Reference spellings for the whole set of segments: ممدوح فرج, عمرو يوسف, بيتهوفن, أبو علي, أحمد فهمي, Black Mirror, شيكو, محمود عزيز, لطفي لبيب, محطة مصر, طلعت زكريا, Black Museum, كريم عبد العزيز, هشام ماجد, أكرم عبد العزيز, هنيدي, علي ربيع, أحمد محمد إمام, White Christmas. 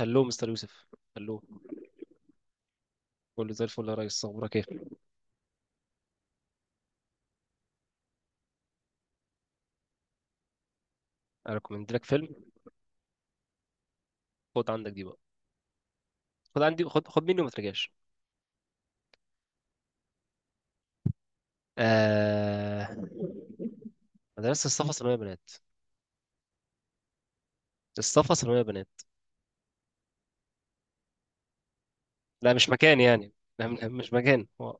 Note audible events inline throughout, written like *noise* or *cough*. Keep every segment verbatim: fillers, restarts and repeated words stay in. هلو مستر يوسف، هلو. كله زي الفل يا ريس، اخبارك ايه؟ انا ريكومند لك فيلم. خد عندك دي بقى، خد عندي، خد خد مني وما ترجعش. آه... مدرسة الصفا ثانوية بنات. الصفا ثانوية بنات. لا مش مكان يعني. لا م- مش مكان هو.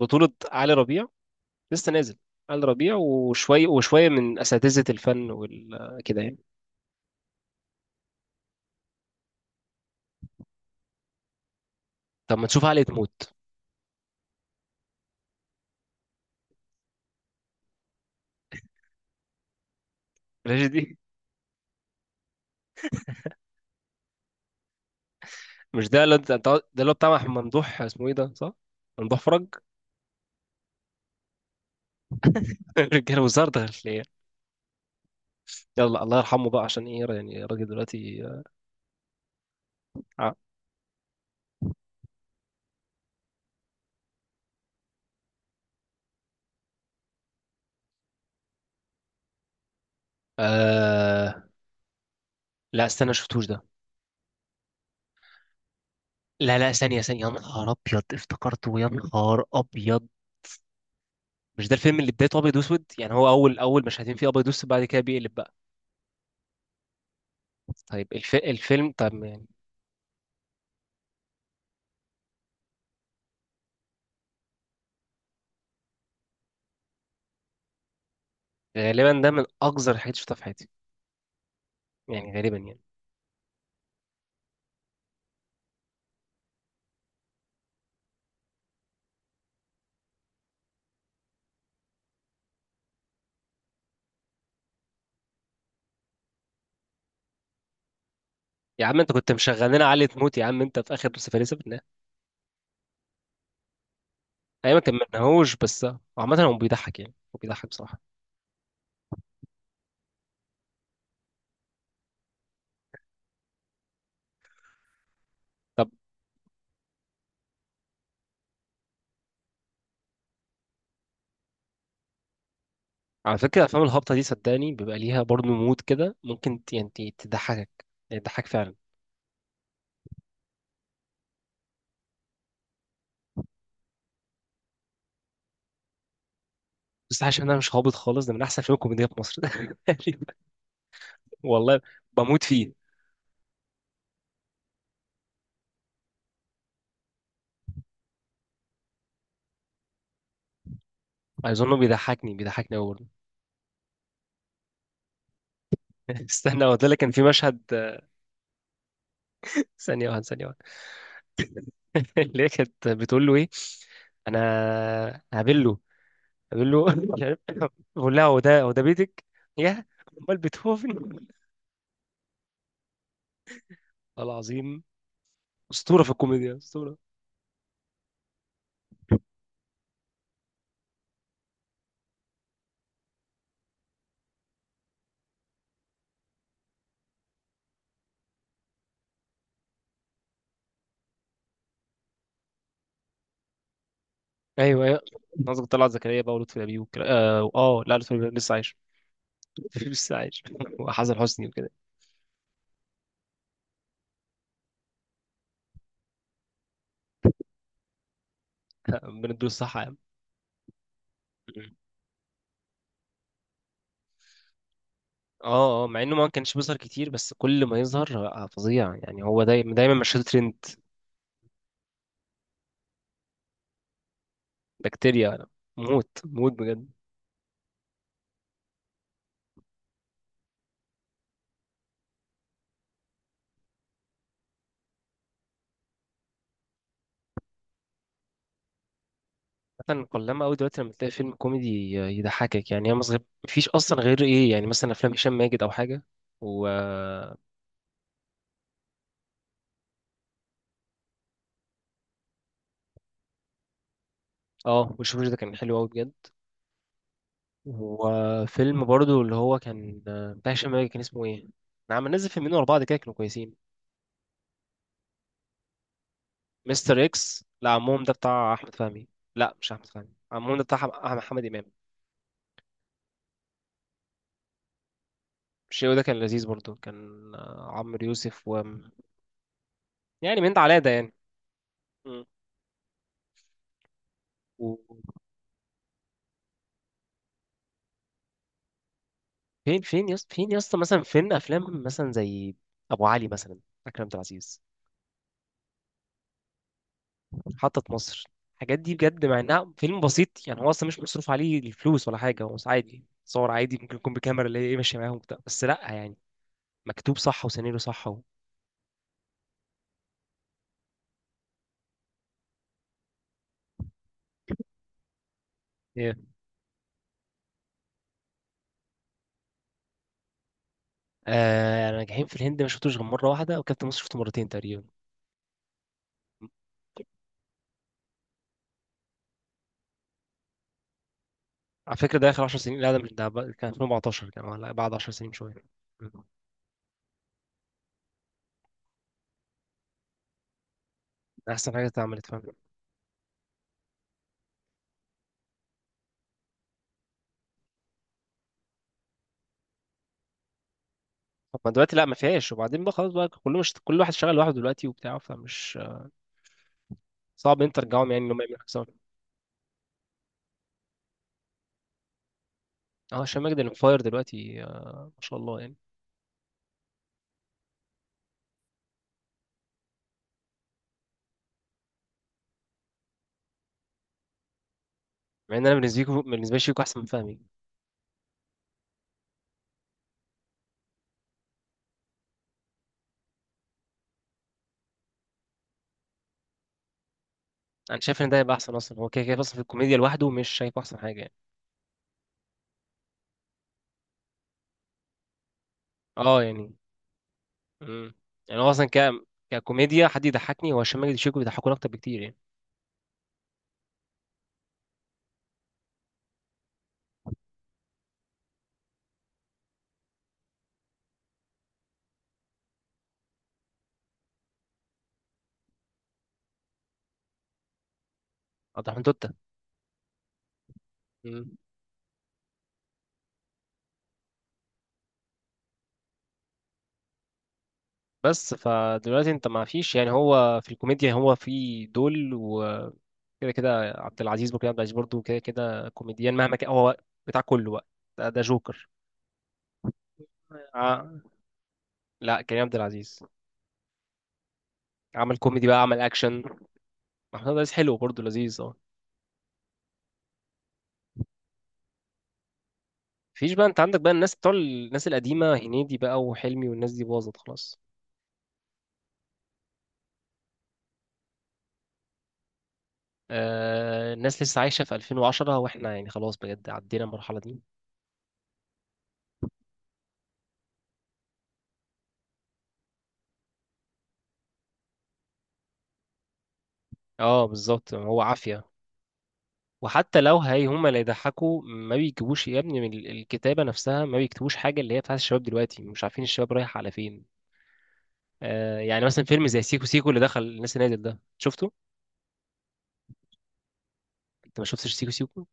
بطولة علي ربيع، لسه نازل. علي ربيع وشوية وشوية من أساتذة الفن وال كده يعني. طب ما نشوف علي تموت. ماشي دي. مش ده اللي انت- ده اللي هو بتاع ممدوح، اسمه ايه ده، صح؟ ممدوح فرج. *laughs* رجاله وزارة داخلية. يلا الله يرحمه بقى، عشان ايه يعني الراجل دلوقتي؟ آه. آه. لا استنى، شفتوش ده؟ لا لا، ثانية ثانية يا نهار أبيض، افتكرته يا نهار أبيض. مش ده الفيلم اللي بدايته أبيض وأسود؟ يعني هو أول أول مشهدين فيه أبيض وأسود، بعد كده بيقلب بقى. طيب الف... الفيلم طب يعني. غالبا ده من أقذر الحاجات اللي شفتها في حياتي، يعني غالبا يعني. يا عم أنت كنت مشغل لنا علي تموت، يا عم أنت في آخر سفلسفة. أيام ما كملناهوش بس. عامة هو بيضحك، يعني هو بيضحك بصراحة. طب على فكرة الأفلام الهابطة دي صدقني بيبقى ليها برضه مود كده، ممكن ت- يعني ت- تضحكك، يعني تضحك فعلا. بس عشان أنا مش هابط خالص، ده من أحسن الأفلام الكوميدية في مصر. *laughs* والله بموت فيه. أظنه بيضحكني بيضحكني أوي برضه. *laughs* استنى، هو ده اللي كان في مشهد. ثانية واحدة، ثانية واحدة. *laughs* اللي هي كانت بتقول له إيه؟ أنا هقابله هقابله. *laughs* مش عارف. بقول لها هو ده هو ده بيتك يا، أمال بيتهوفن؟ والله العظيم. أسطورة في الكوميديا، أسطورة. ايوه ايوه، قصدك طلعت زكريا بقى ولطفي لبيب والكلام، اه. آه، لا لطفي لبيب لسه عايش. *laughs* لسه عايش. *laughs* وحسن حسني وكده. *laughs* من الدول الصح يا عم. اه اه، مع انه ما كانش بيظهر كتير بس كل ما يظهر آه، فظيع يعني، هو دايما دايما مشهد ترند. بكتيريا. موت موت بجد. مثلا قلما قوي دلوقتي لما تلاقي فيلم كوميدي يضحكك، يعني انا صغير مفيش اصلا غير ايه، يعني مثلا افلام هشام ماجد او حاجه و اه، وشوف ده كان حلو قوي بجد. هو فيلم برضو اللي هو كان آه، بتاع هشام ماجد، كان اسمه ايه؟ انا عم نزل فيلمين ورا بعض كده، كانوا كويسين. مستر اكس. لا عمهم ده بتاع احمد فهمي. لا مش احمد فهمي، عمهم ده بتاع أحم- أحمد محمد امام. الشيء ده كان لذيذ برضو، كان آه، عمرو يوسف و يعني من ده على ده يعني. مم. و- فين فين يس... فين يا اسطى، مثلا فين افلام مثلا زي ابو علي مثلا، اكرم عبد العزيز. محطة مصر. الحاجات دي بجد مع انها فيلم بسيط، يعني هو اصلا مش مصروف عليه الفلوس ولا حاجة، هو عادي صور عادي، ممكن يكون بكاميرا اللي هي ايه ماشية معاهم وبتاع، بس لا يعني مكتوب صح وسيناريو صح و... ايه. آه، ناجحين في الهند ما شفتوش غير مرة واحدة، وكابتن مصر شفته مرتين تقريبا. على فكرة ده آخر 10 سنين، لا ده مش ده بقى- كان ألفين وأربعتاشر، كان ولا بعد 10 سنين شوية. مم. ده أحسن حاجة اتعملت، فاهم؟ طب ما دلوقتي لا ما فيهاش، وبعدين بقى خلاص بقى كله، مش كل واحد شغال لوحده دلوقتي وبتاع، فمش صعب إن أنت ترجعهم، يعني إن هم يعملوا حاجة سوا. اه، هشام ماجد اللي فاير دلوقتي، آه ما شاء الله يعني. مع ان انا بالنسبه لي بالنسبه لي شيكو احسن من فهمي. انا شايف ان ده هيبقى احسن، اصلا هو كده كده اصلا في الكوميديا لوحده مش شايفه احسن حاجه يعني. اه يعني. امم يعني هو اصلا ك ككوميديا، حد يضحكني هو هشام ماجد وشيكو، بيضحكوني اكتر بكتير يعني. اضحك من توتة. مم. بس فدلوقتي انت ما فيش، يعني هو في الكوميديا هو في دول و كده كده عبد العزيز وكريم عبد العزيز برضه، كده كده كوميديان مهما كان، هو بتاع كله بقى. ده, ده جوكر. آه. لا، كريم عبد العزيز. عمل كوميدي بقى عمل اكشن. محمود عزيز حلو برضه، لذيذ اه. مفيش بقى، انت عندك بقى الناس بتوع الناس القديمه، هنيدي بقى وحلمي والناس دي باظت خلاص. آه الناس لسه عايشه في ألفين وعشرة، واحنا يعني خلاص بجد عدينا المرحله دي. اه بالظبط، هو عافيه. وحتى لو هي هما اللي يضحكوا ما بيجيبوش يا ابني من ال- الكتابه نفسها، ما بيكتبوش حاجه اللي هي بتاعت الشباب دلوقتي، مش عارفين الشباب رايح على فين. آه يعني مثلا فيلم زي سيكو سيكو اللي دخل الناس اللي نازل ده، شفته؟ انت ما شفتش سيكو سيكو؟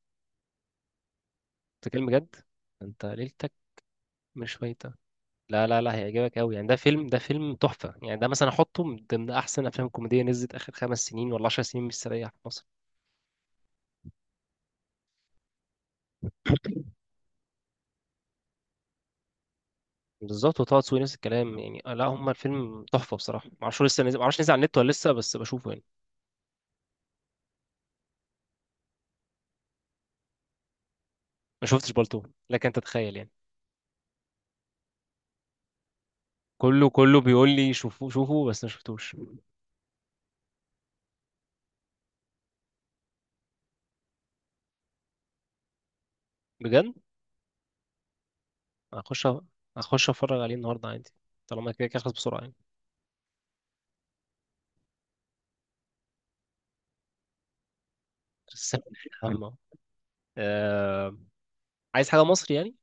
انت كلمه بجد، انت ليلتك مش شويه. لا لا لا، هيعجبك قوي يعني، ده فيلم ده فيلم تحفة يعني ده مثلا احطه من ضمن احسن افلام كوميدية نزلت اخر خمس سنين ولا عشر سنين مستريح في مصر. بالظبط، وطه دسوقي نفس الكلام يعني. آه، لا هما الفيلم تحفة بصراحة، معرفش هو لسه نزل، معرفش نزل على النت ولا لسه، بس بشوفه يعني. ما شفتش بالطو، لكن تتخيل يعني. كله كله بيقول لي شوفوه شوفوه، بس ما شفتوش. بجد. هخش أ- هخش اتفرج عليه النهارده عادي. طالما كده كده خلص بسرعة يعني. *laughs* بس- أما. آه... عايز حاجة مصري يعني.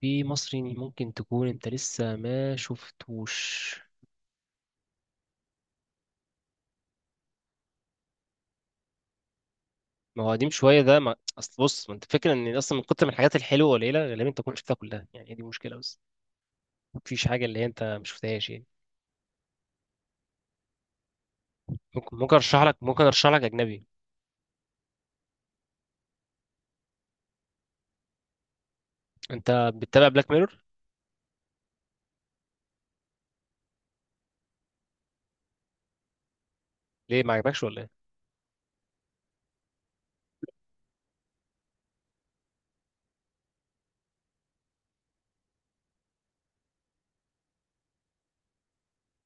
في مصري ممكن تكون انت لسه ما شفتوش؟ ما هو قديم شويه ده ما... اصل بص، ما انت فكره ان اصلا من كتر من الحاجات الحلوه قليله، غالبا انت تكون شفتها كلها يعني، هي دي مشكله بس مفيش حاجه اللي هي انت ما شفتهاش يعني. ممكن ممكن ارشح لك ممكن ارشح لك اجنبي. انت بتتابع بلاك ميرور؟ ليه، ما عجبكش ولا ايه؟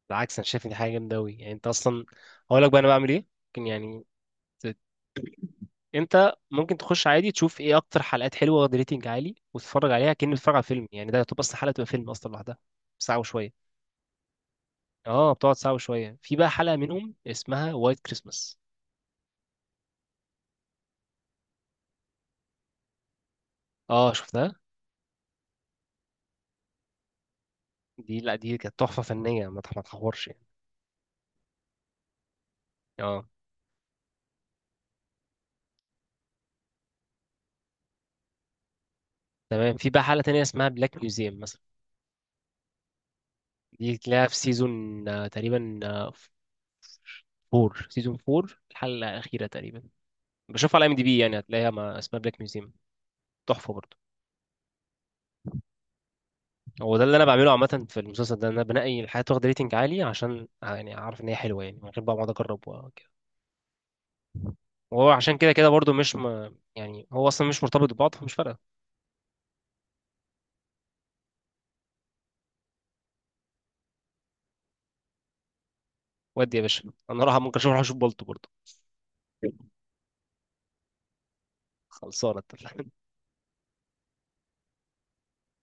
بالعكس، انا شايف ان دي حاجه جامده قوي يعني، انت اصلا هقول لك بقى انا بعمل ايه ممكن يعني. ت- انت ممكن تخش عادي تشوف ايه اكتر حلقات حلوه واخد ريتنج عالي، وتتفرج عليها كأنك بتتفرج على فيلم، يعني ده يعتبر اصلا حلقه تبقى فيلم اصلا لوحدها. ساعه وشويه. اه بتقعد ساعة وشوية، في بقى حلقة منهم اسمها وايت كريسماس. اه شفتها. دي، لا دي كانت تحفة فنية، ما تح- ما تحورش يعني. اه تمام، في بقى حلقة تانية اسمها بلاك ميوزيوم مثلا. دي تلاقيها في سيزون آه، تقريبا آه، فور، سيزون فور الحلقة الأخيرة تقريبا. بشوفها على ام دي بي يعني، هتلاقيها، ما اسمها بلاك ميوزيوم. تحفة برضه. هو ده اللي أنا بعمله عامة في المسلسل ده، إن أنا بنقي الحاجات واخدة ريتنج عالي عشان آه، يعني أعرف إن هي حلوة، يعني من غير بقى ما أقعد أجرب وكده. وهو عشان كده كده برضه، مش ما يعني هو أصلا مش مرتبط ببعض فمش فارقة. ودي يا باشا، انا راح ممكن اشوف، اروح اشوف بولت برضه. خلصانه، اتفقنا.